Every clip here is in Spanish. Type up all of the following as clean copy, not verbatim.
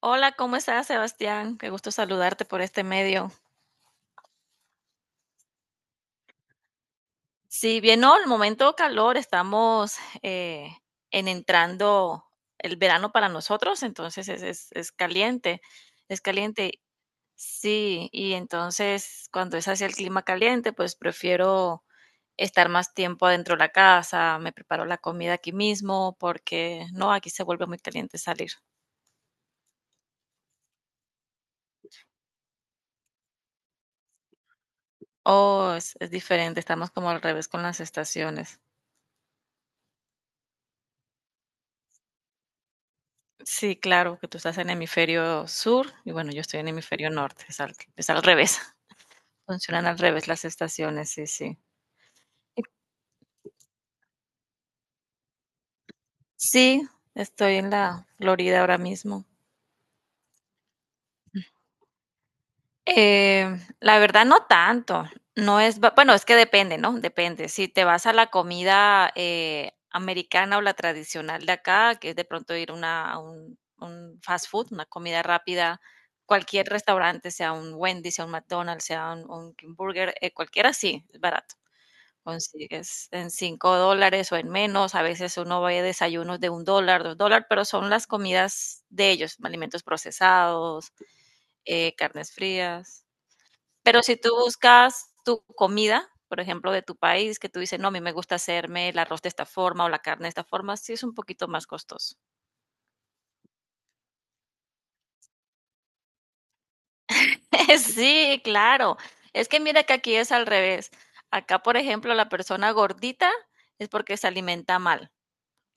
Hola, ¿cómo estás, Sebastián? Qué gusto saludarte por este medio. Sí, bien, no, el momento calor, estamos eh, en entrando el verano para nosotros, entonces es caliente, es caliente, sí, y entonces cuando es hacia el clima caliente, pues prefiero estar más tiempo adentro de la casa, me preparo la comida aquí mismo, porque no, aquí se vuelve muy caliente salir. Oh, es diferente, estamos como al revés con las estaciones. Sí, claro, que tú estás en hemisferio sur y bueno, yo estoy en hemisferio norte, es al revés, funcionan al revés las estaciones, sí, sí. Y sí, estoy en la Florida ahora mismo. Eh, la verdad no tanto, no es, ba bueno, es que depende, ¿no? Depende. Si te vas a la comida, americana o la tradicional de acá, que es de pronto ir una a un fast food, una comida rápida, cualquier restaurante, sea un Wendy, sea un McDonald's, sea un King Burger, cualquiera sí, es barato. Consigues en $5 o en menos, a veces uno ve desayunos de $1, $2, pero son las comidas de ellos, alimentos procesados, carnes frías. Pero si tú buscas tu comida, por ejemplo, de tu país, que tú dices: "No, a mí me gusta hacerme el arroz de esta forma o la carne de esta forma", sí es un poquito más costoso. Sí, claro. Es que mira que aquí es al revés. Acá, por ejemplo, la persona gordita es porque se alimenta mal,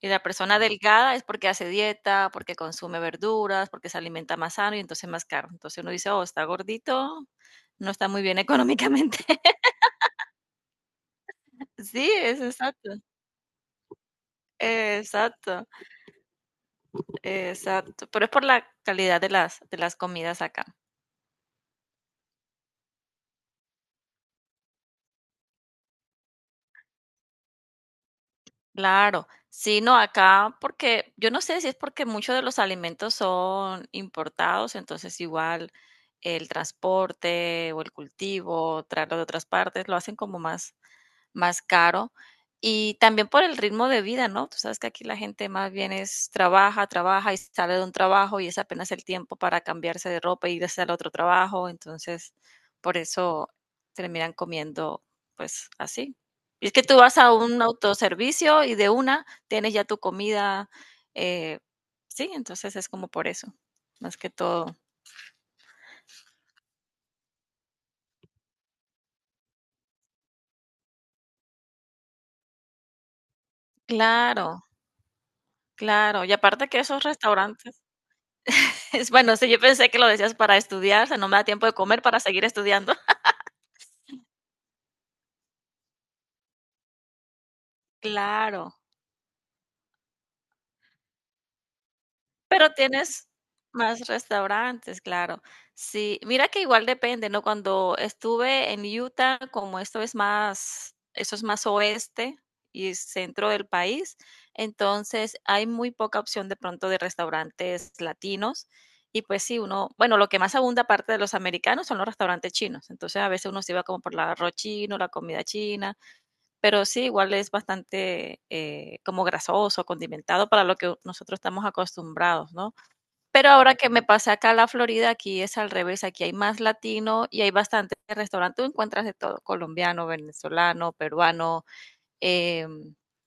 y la persona delgada es porque hace dieta, porque consume verduras, porque se alimenta más sano y entonces más caro. Entonces uno dice: "Oh, está gordito, no está muy bien económicamente". Sí, es exacto. Exacto. Exacto, pero es por la calidad de las comidas acá. Claro, sí, no, acá porque yo no sé si es porque muchos de los alimentos son importados, entonces igual el transporte o el cultivo, traerlo de otras partes, lo hacen como más, más caro. Y también por el ritmo de vida, ¿no? Tú sabes que aquí la gente más bien es trabaja, trabaja y sale de un trabajo y es apenas el tiempo para cambiarse de ropa y irse al otro trabajo. Entonces, por eso terminan comiendo, pues así. Y es que tú vas a un autoservicio y de una tienes ya tu comida. eh, sí entonces es como por eso, más que todo. Claro, claro. Y aparte que esos restaurantes. Es bueno, sí, yo pensé que lo decías para estudiar, o sea, no me da tiempo de comer para seguir estudiando. Claro, pero tienes más restaurantes, claro. Sí, mira que igual depende, ¿no? Cuando estuve en Utah, como esto es más, eso es más oeste y centro del país, entonces hay muy poca opción de pronto de restaurantes latinos. Y pues sí, uno, bueno, lo que más abunda aparte de los americanos son los restaurantes chinos. Entonces a veces uno se iba como por el arroz chino, la comida china. Pero sí, igual es bastante como grasoso, condimentado para lo que nosotros estamos acostumbrados, ¿no? Pero ahora que me pasé acá a la Florida, aquí es al revés, aquí hay más latino y hay bastante restaurante, tú encuentras de todo, colombiano, venezolano, peruano, eh,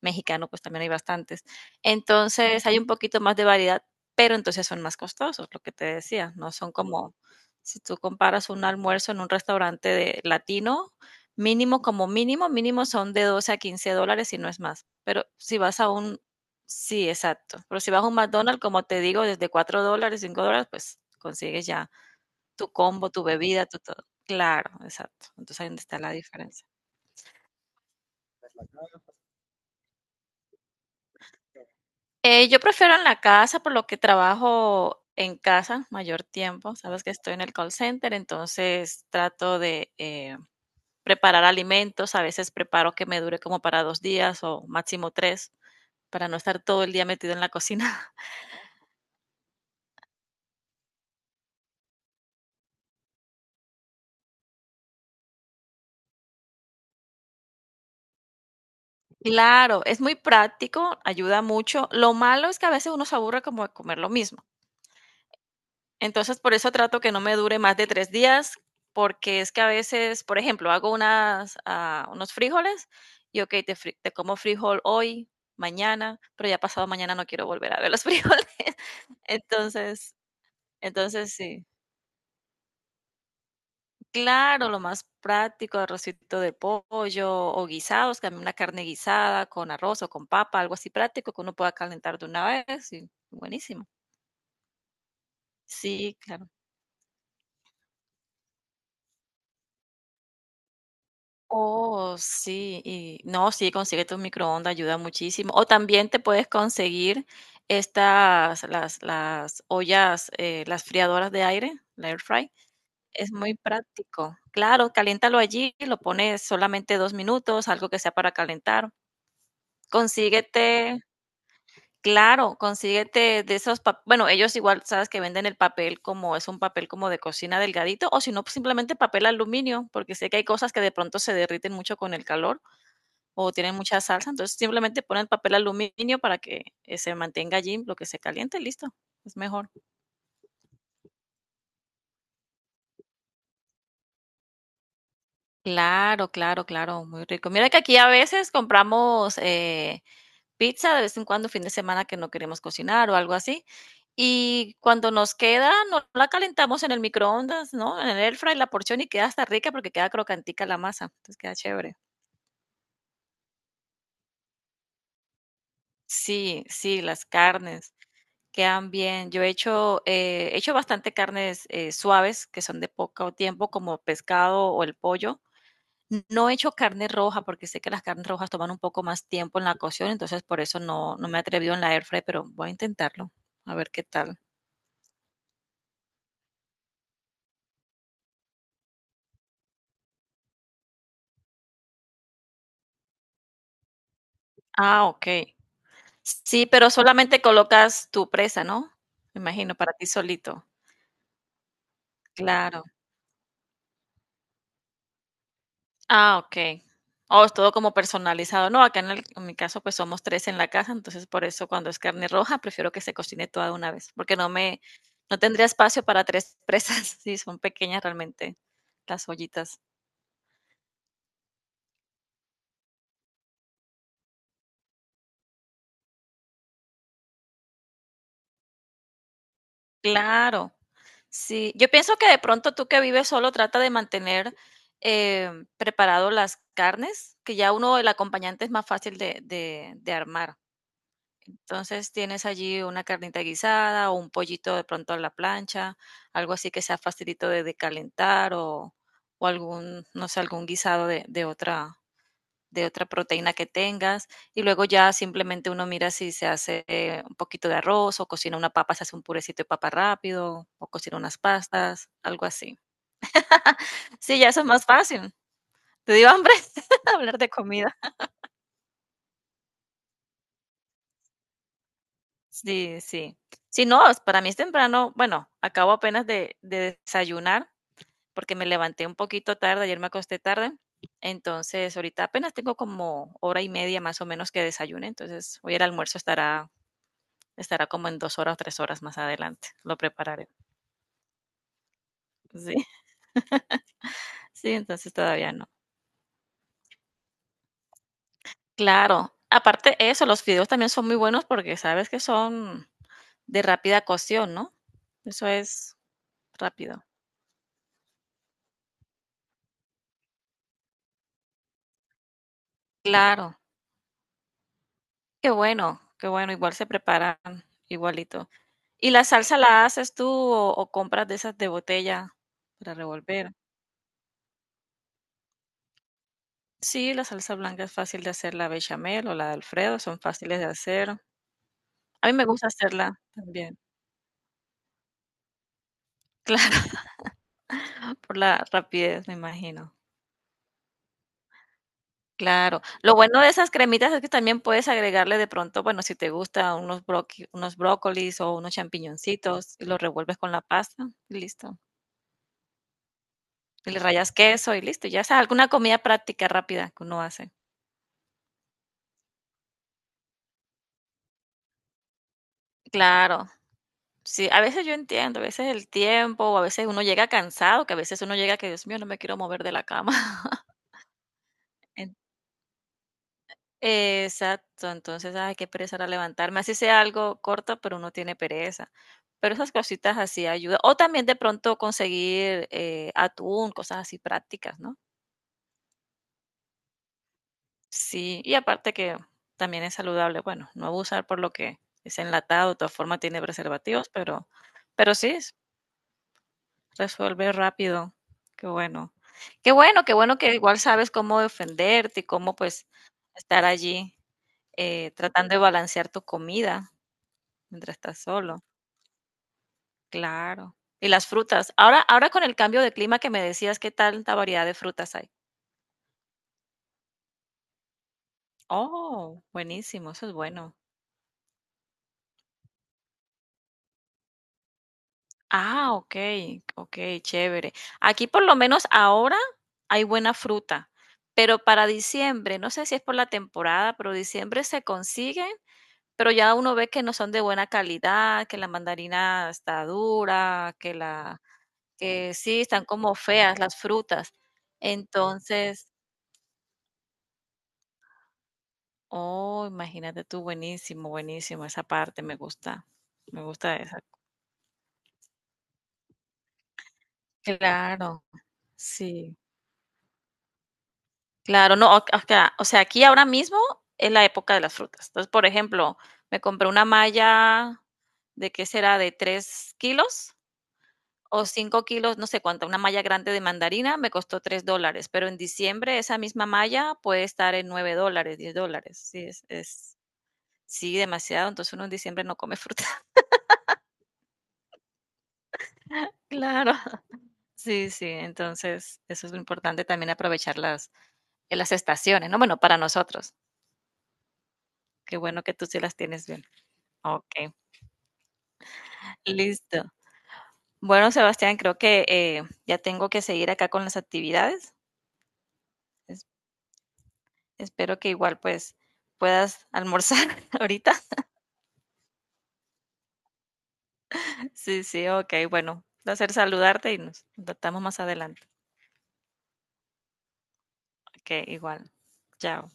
mexicano pues también hay bastantes. Entonces hay un poquito más de variedad, pero entonces son más costosos, lo que te decía, no son como si tú comparas un almuerzo en un restaurante de latino, mínimo como mínimo, mínimo son de $12 a $15 y no es más. Pero si vas a un, sí, exacto, pero si vas a un McDonald's, como te digo, desde $4, $5, pues consigues ya tu combo, tu bebida, tu todo. Claro, exacto. Entonces ahí donde está la diferencia. Yo prefiero en la casa, por lo que trabajo en casa mayor tiempo. Sabes que estoy en el call center, entonces trato de preparar alimentos. A veces preparo que me dure como para 2 días o máximo tres, para no estar todo el día metido en la cocina. Claro, es muy práctico, ayuda mucho. Lo malo es que a veces uno se aburre como de comer lo mismo. Entonces, por eso trato que no me dure más de 3 días, porque es que a veces, por ejemplo, hago unos frijoles y, okey, te como frijol hoy, mañana, pero ya pasado mañana no quiero volver a ver los frijoles. Entonces entonces sí. Claro, lo más práctico, arrocito de pollo o guisados, también una carne guisada con arroz o con papa, algo así práctico que uno pueda calentar de una vez y buenísimo. Sí, claro. Oh, sí, y no, sí, consíguete un microondas, ayuda muchísimo. O también te puedes conseguir estas, las ollas, las friadoras de aire, la air fry. Es muy práctico. Claro, caliéntalo allí, lo pones solamente 2 minutos, algo que sea para calentar. Consíguete, claro, consíguete de esos, bueno, ellos igual sabes que venden el papel como es un papel como de cocina delgadito, o si no, pues, simplemente papel aluminio, porque sé que hay cosas que de pronto se derriten mucho con el calor o tienen mucha salsa, entonces simplemente ponen papel aluminio para que se mantenga allí lo que se caliente, listo, es mejor. Claro, claro, claro, muy rico. Mira que aquí a veces compramos pizza de vez en cuando, fin de semana que no queremos cocinar o algo así, y cuando nos queda, no la calentamos en el microondas, ¿no? En el air fry la porción y queda hasta rica porque queda crocantica la masa, entonces queda chévere. Sí, sí, las carnes. Quedan bien. Yo he hecho bastante carnes suaves, que son de poco tiempo, como pescado o el pollo. No he hecho carne roja porque sé que las carnes rojas toman un poco más tiempo en la cocción, entonces por eso no, no me he atrevido en la air fry, pero voy a intentarlo, a ver qué tal. Ah, ok. Sí, pero solamente colocas tu presa, ¿no? Me imagino, para ti solito. Claro. Ah, okey. Oh, es todo como personalizado. No, acá en mi caso, pues, somos 3 en la casa, entonces, por eso cuando es carne roja, prefiero que se cocine toda de una vez, porque no tendría espacio para 3 presas. Sí, son pequeñas realmente las ollitas. Claro. Sí, yo pienso que de pronto tú que vives solo trata de mantener, preparado las carnes, que ya uno el acompañante es más fácil de armar. Entonces tienes allí una carnita guisada o un pollito de pronto a la plancha, algo así que sea facilito de calentar o algún, no sé, algún guisado de otra proteína que tengas. Y luego ya simplemente uno mira si se hace un poquito de arroz o cocina una papa, se hace un purecito de papa rápido o cocina unas pastas, algo así. Sí, ya eso es más fácil. Te dio hambre hablar de comida. Sí, sí. Sí, no, para mí es temprano. Bueno, acabo apenas de desayunar porque me levanté un poquito tarde, ayer me acosté tarde. Entonces, ahorita apenas tengo como hora y media más o menos que desayune. Entonces, hoy el almuerzo estará como en 2 horas o 3 horas más adelante. Lo prepararé. Sí, sí, entonces todavía no. Claro. Aparte eso, los fideos también son muy buenos porque sabes que son de rápida cocción, ¿no? Eso es rápido. Claro. Qué bueno, igual se preparan igualito. ¿Y la salsa la haces tú o compras de esas de botella para revolver? Sí, la salsa blanca es fácil de hacer, la bechamel o la de Alfredo son fáciles de hacer. A mí me gusta hacerla también. Claro, por la rapidez, me imagino. Claro. Lo bueno de esas cremitas es que también puedes agregarle de pronto, bueno, si te gusta unos brócolis o unos champiñoncitos y los revuelves con la pasta y listo. Y le rayas queso y listo, ya sea alguna comida práctica rápida que uno hace. Claro, sí, a veces yo entiendo, a veces el tiempo, o a veces uno llega cansado, que a veces uno llega que, Dios mío, no me quiero mover de la cama. En- Exacto, entonces, ay, qué pereza era levantarme, así sea algo corto, pero uno tiene pereza. Pero esas cositas así ayudan. O también de pronto conseguir atún, cosas así prácticas, ¿no? Sí, y aparte que también es saludable, bueno, no abusar por lo que es enlatado, de todas formas tiene preservativos, pero sí, s resuelve rápido. Qué bueno. Qué bueno, qué bueno que igual sabes cómo defenderte y cómo, pues, estar allí, tratando de balancear tu comida mientras estás solo. Claro. Y las frutas. Ahora con el cambio de clima que me decías, ¿qué tanta variedad de frutas hay? Oh, buenísimo, eso es bueno. Ah, okey, okey, chévere. Aquí, por lo menos ahora, hay buena fruta, pero para diciembre, no sé si es por la temporada, pero diciembre se consiguen, pero ya uno ve que no son de buena calidad, que la mandarina está dura, que sí, están como feas las frutas. Entonces oh, imagínate tú, buenísimo, buenísimo, esa parte me gusta esa. Claro, sí. Claro, no, o acá, o sea, aquí ahora mismo es la época de las frutas. Entonces, por ejemplo, me compré una malla de qué será, de 3 kilos o 5 kilos, no sé cuánto, una malla grande de mandarina me costó $3, pero en diciembre esa misma malla puede estar en $9, $10. Sí, es sí, demasiado. Entonces uno en diciembre no come fruta. Claro, sí, sí. Entonces, eso es lo importante también aprovechar las estaciones, ¿no? Bueno, para nosotros. Qué bueno que tú sí las tienes bien. Ok. Listo. Bueno, Sebastián, creo que ya tengo que seguir acá con las actividades. Es- espero que igual pues puedas almorzar ahorita. Sí, sí, ok, bueno. Un placer saludarte y nos tratamos más adelante. Ok, igual. Chao.